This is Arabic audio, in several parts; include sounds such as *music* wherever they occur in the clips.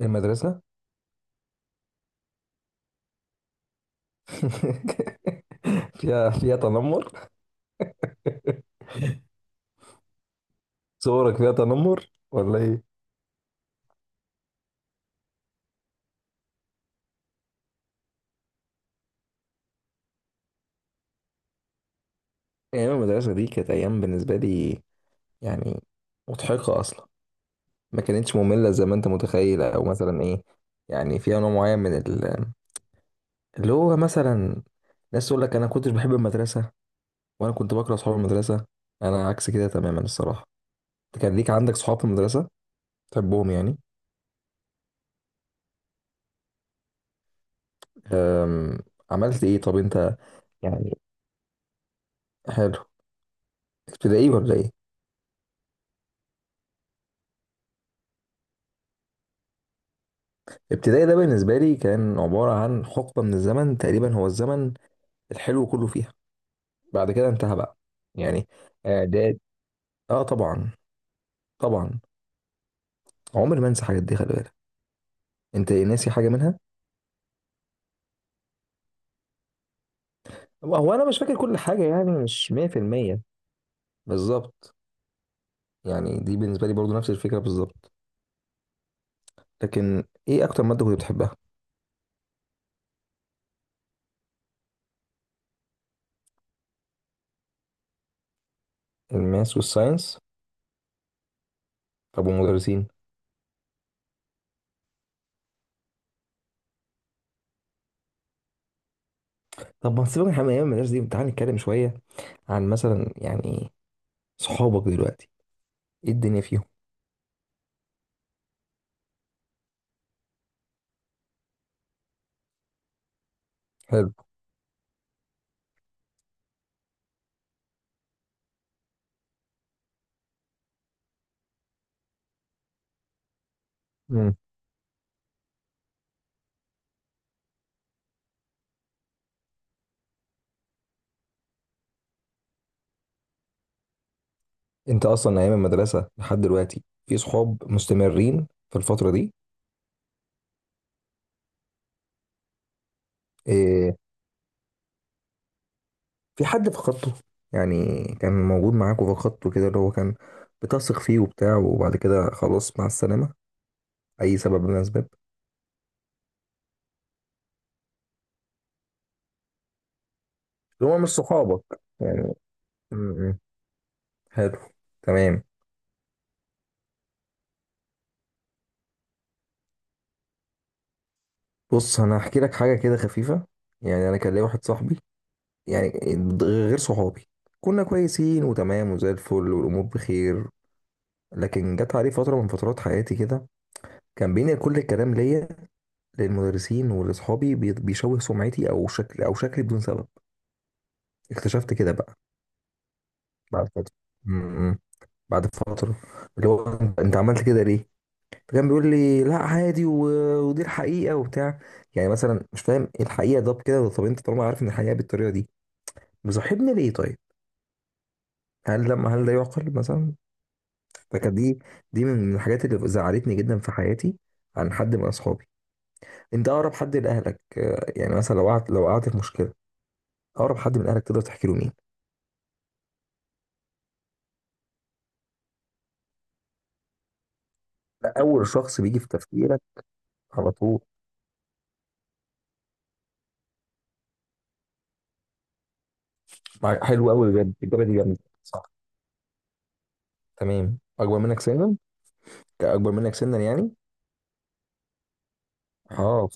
المدرسة. *laughs* فيها تنمر. صورك فيها تنمر ولا ايه؟ أيام المدرسة دي كانت أيام بالنسبة لي، يعني مضحكة أصلا. ما كانتش مملة زي ما أنت متخيل أو مثلا إيه. يعني فيها نوع معين اللي هو مثلا ناس تقول لك أنا كنتش بحب المدرسة، وأنا كنت بكره أصحاب المدرسة. أنا عكس كده تماما الصراحة. أنت كان ليك عندك صحاب في المدرسة تحبهم يعني؟ أم، عملت إيه طب أنت؟ يعني حلو. ابتدائي ولا إيه؟ ابتدائي ده بالنسبة لي كان عبارة عن حقبة من الزمن، تقريبا هو الزمن الحلو كله فيها. بعد كده انتهى بقى يعني. اعداد، اه طبعا. طبعا عمري ما انسى الحاجات دي، خلي بالك. انت ناسي حاجة منها؟ هو انا مش فاكر كل حاجة، يعني مش 100% بالظبط. يعني دي بالنسبة لي برضو نفس الفكرة بالظبط. لكن ايه اكتر مادة كنت بتحبها؟ الماس والساينس؟ طب والمدرسين؟ طب ما سيبك من حاجة من ايام المدرسة دي، تعالى نتكلم شوية عن مثلا يعني صحابك دلوقتي، ايه الدنيا فيهم. حلو. انت اصلا ايام المدرسه لحد دلوقتي في صحاب مستمرين في الفتره دي؟ إيه، في حد فقدته؟ يعني كان موجود معاك وفقدته كده، اللي هو كان بتثق فيه وبتاع وبعد كده خلاص مع السلامه، اي سبب من الاسباب؟ اللي هو مش صحابك يعني. م- م. حلو. تمام. بص انا هحكي لك حاجه كده خفيفه. يعني انا كان ليا واحد صاحبي يعني، غير صحابي. كنا كويسين وتمام وزي الفل والامور بخير. لكن جت عليه فتره من فترات حياتي كده كان بينقل كل الكلام ليا للمدرسين ولأصحابي، بيشوه سمعتي أو شكل أو شكلي بدون سبب. اكتشفت كده بقى بعد فترة. م- م. بعد فترة اللي هو أنت عملت كده ليه؟ فكان بيقول لي لا عادي ودي الحقيقة وبتاع. يعني مثلا مش فاهم إيه الحقيقة ده بكده. طب أنت طالما عارف إن الحقيقة بالطريقة دي مصاحبني ليه طيب؟ هل ده يعقل مثلا؟ فكانت دي من الحاجات اللي زعلتني جدا في حياتي عن حد من أصحابي. أنت أقرب حد لأهلك، يعني مثلا لو قعدت في مشكلة، أقرب حد من أهلك تقدر تحكي له مين؟ ده اول شخص بيجي في تفكيرك على طول؟ حلو قوي بجد، الاجابه دي جامده صح. تمام. اكبر منك سنا؟ كاكبر منك سنا يعني. اه.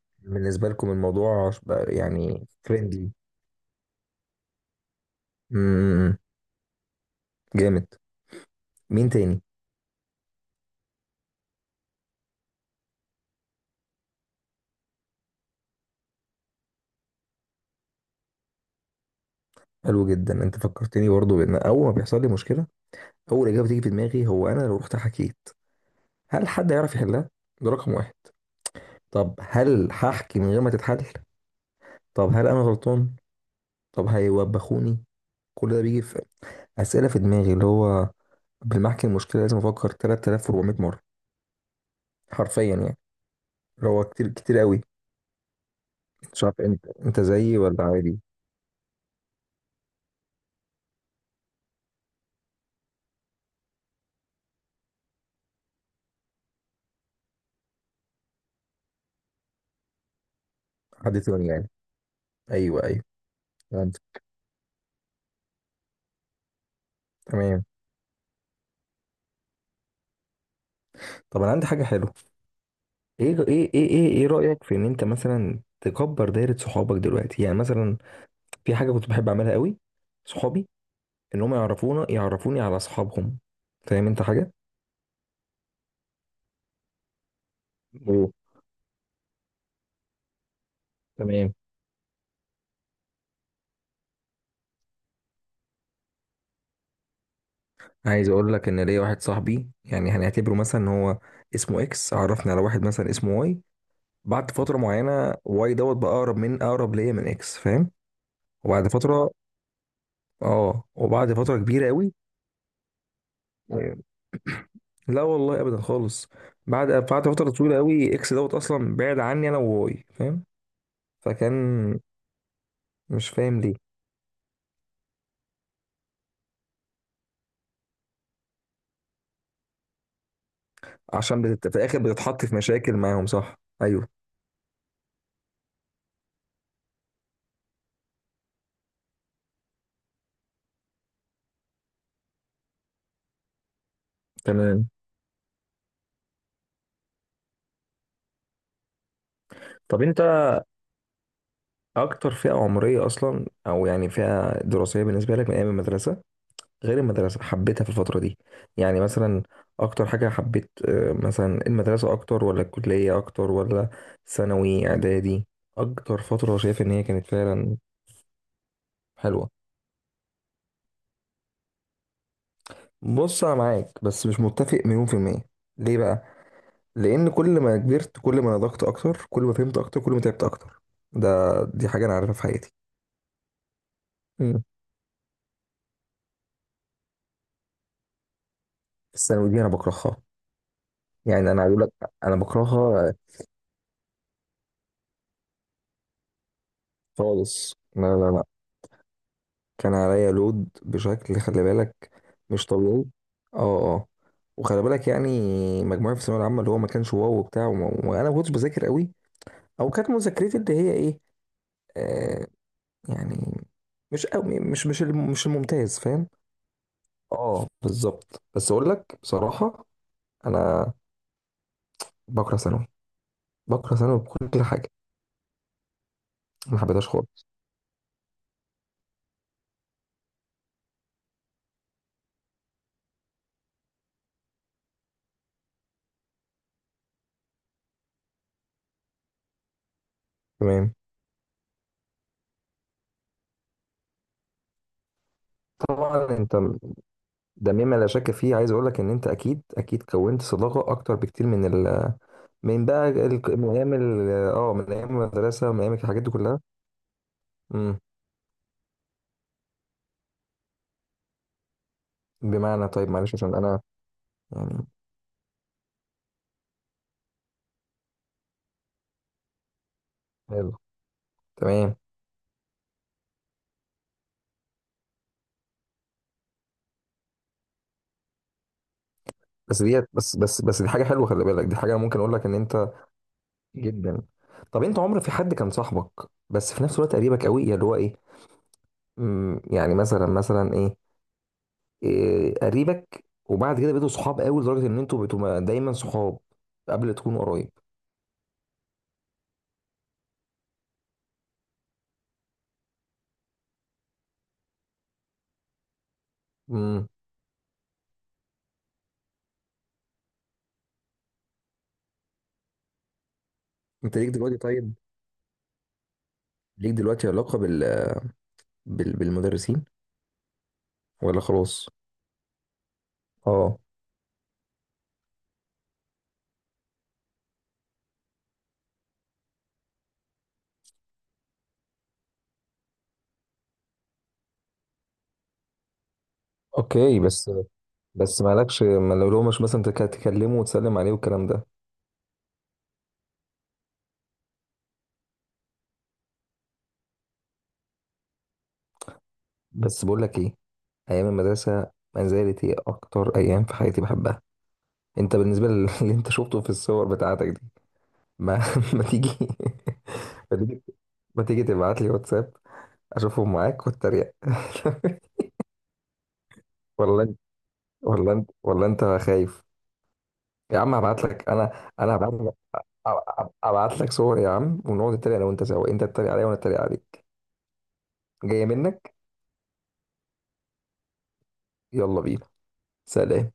فبالنسبه لكم الموضوع بقى يعني فريندلي. امم جامد. مين تاني؟ حلو جدا. انت فكرتني برضو بان اول ما بيحصل لي مشكله، اول اجابه تيجي في دماغي هو انا لو رحت حكيت هل حد يعرف يحلها. ده رقم واحد. طب هل هحكي من غير ما تتحل؟ طب هل انا غلطان؟ طب هيوبخوني؟ كل ده بيجي في اسئله في دماغي اللي هو بالمحكي المشكله لازم افكر 3400 مره، حرفيا يعني. اللي هو كتير كتير قوي. مش عارف انت زيي ولا عادي. حد تاني يعني؟ ايوه ايوه فهمت. تمام. طب انا عندي حاجه حلوه. ايه ايه ايه ايه, إيه إيه رايك في ان انت مثلا تكبر دايره صحابك دلوقتي يعني مثلا؟ في حاجه كنت بحب اعملها قوي صحابي، ان هم يعرفونا يعرفوني على اصحابهم. فاهم انت حاجه؟ ايه. تمام. عايز اقول لك ان ليا واحد صاحبي يعني، هنعتبره مثلا ان هو اسمه اكس عرفني على واحد مثلا اسمه واي. بعد فتره معينه واي دوت بقى اقرب من اقرب ليا من اكس، فاهم؟ وبعد فتره، اه، وبعد فتره كبيره قوي. لا والله ابدا خالص. بعد فتره طويله قوي اكس دوت اصلا بعد عني انا وواي فاهم. فكان مش فاهم ليه. عشان في الاخر بتتحط في مشاكل معاهم صح. ايوه. تمام. طب انت اكتر فئه عمريه اصلا او يعني فئه دراسيه بالنسبه لك من ايام المدرسه، غير المدرسة حبيتها في الفترة دي؟ يعني مثلا، أكتر حاجة حبيت مثلا، المدرسة أكتر ولا الكلية أكتر ولا ثانوي إعدادي؟ أكتر فترة شايف إن هي كانت فعلا حلوة؟ بص أنا معاك، بس مش متفق مليون في المية. ليه بقى؟ لأن كل ما كبرت كل ما نضجت أكتر كل ما فهمت أكتر كل ما تعبت أكتر، ده دي حاجة أنا عارفها في حياتي. مم. الثانوي دي أنا بكرهها. يعني أنا عايز أقول لك، أنا بكرهها خالص. لا لا لا، كان عليا لود بشكل *laughs* خلي بالك. مش طبيعي. اه. اه. وخلي بالك يعني، مجموعي في الثانويه العامه اللي هو ما كانش واو وبتاع وانا ما كنتش بذاكر قوي. او كانت مذاكرتي اللي هي ايه، آه، يعني مش قوي، مش مش الممتاز فاهم. اه بالظبط. بس اقول لك بصراحه، انا بكره ثانوي، بكره ثانوي بكل حاجه. ما حبيتهاش خالص. تمام. طبعا انت ده مما لا شك فيه. عايز اقول لك ان انت اكيد اكيد كونت صداقه اكتر بكتير من ال من بقى ال... من ايام ال... اه من ايام المدرسه من ايام الحاجات دي كلها. امم. بمعنى طيب معلش عشان انا يعني، حلو. تمام. بس ديت بس دي حاجه حلوه خلي بالك، دي حاجه ممكن اقول لك ان انت جدا. طب انت عمر في حد كان صاحبك بس في نفس الوقت قريبك قوي اللي هو ايه، يعني مثلا ايه, إيه قريبك وبعد كده بقيتوا صحاب قوي لدرجه ان انتوا بقيتوا دايما صحاب قبل تكونوا قرايب. امم. انت ليك دلوقتي طيب، ليك دلوقتي علاقه بال... بال... بالمدرسين ولا خلاص؟ اه. اوكي. بس بس مالكش، ما لو مش مثلا تكلمه وتسلم عليه والكلام ده؟ بس بقول لك ايه، ايام المدرسه ما زالت هي اكتر ايام في حياتي بحبها. انت بالنسبه للي *laughs* انت شفته في الصور بتاعتك دي ما, *laughs* ما تيجي *laughs* ما تيجي، ما تيجي تبعت لي واتساب اشوفهم معاك واتريق *laughs* ولا انت ولا انت خايف؟ يا عم هبعت لك، انا هبعت لك، ابعت لك صور يا عم، ونقعد نتريق انا وانت سوا، انت تتريق عليا وانا اتريق عليك. جايه منك. يلا بينا، سلام.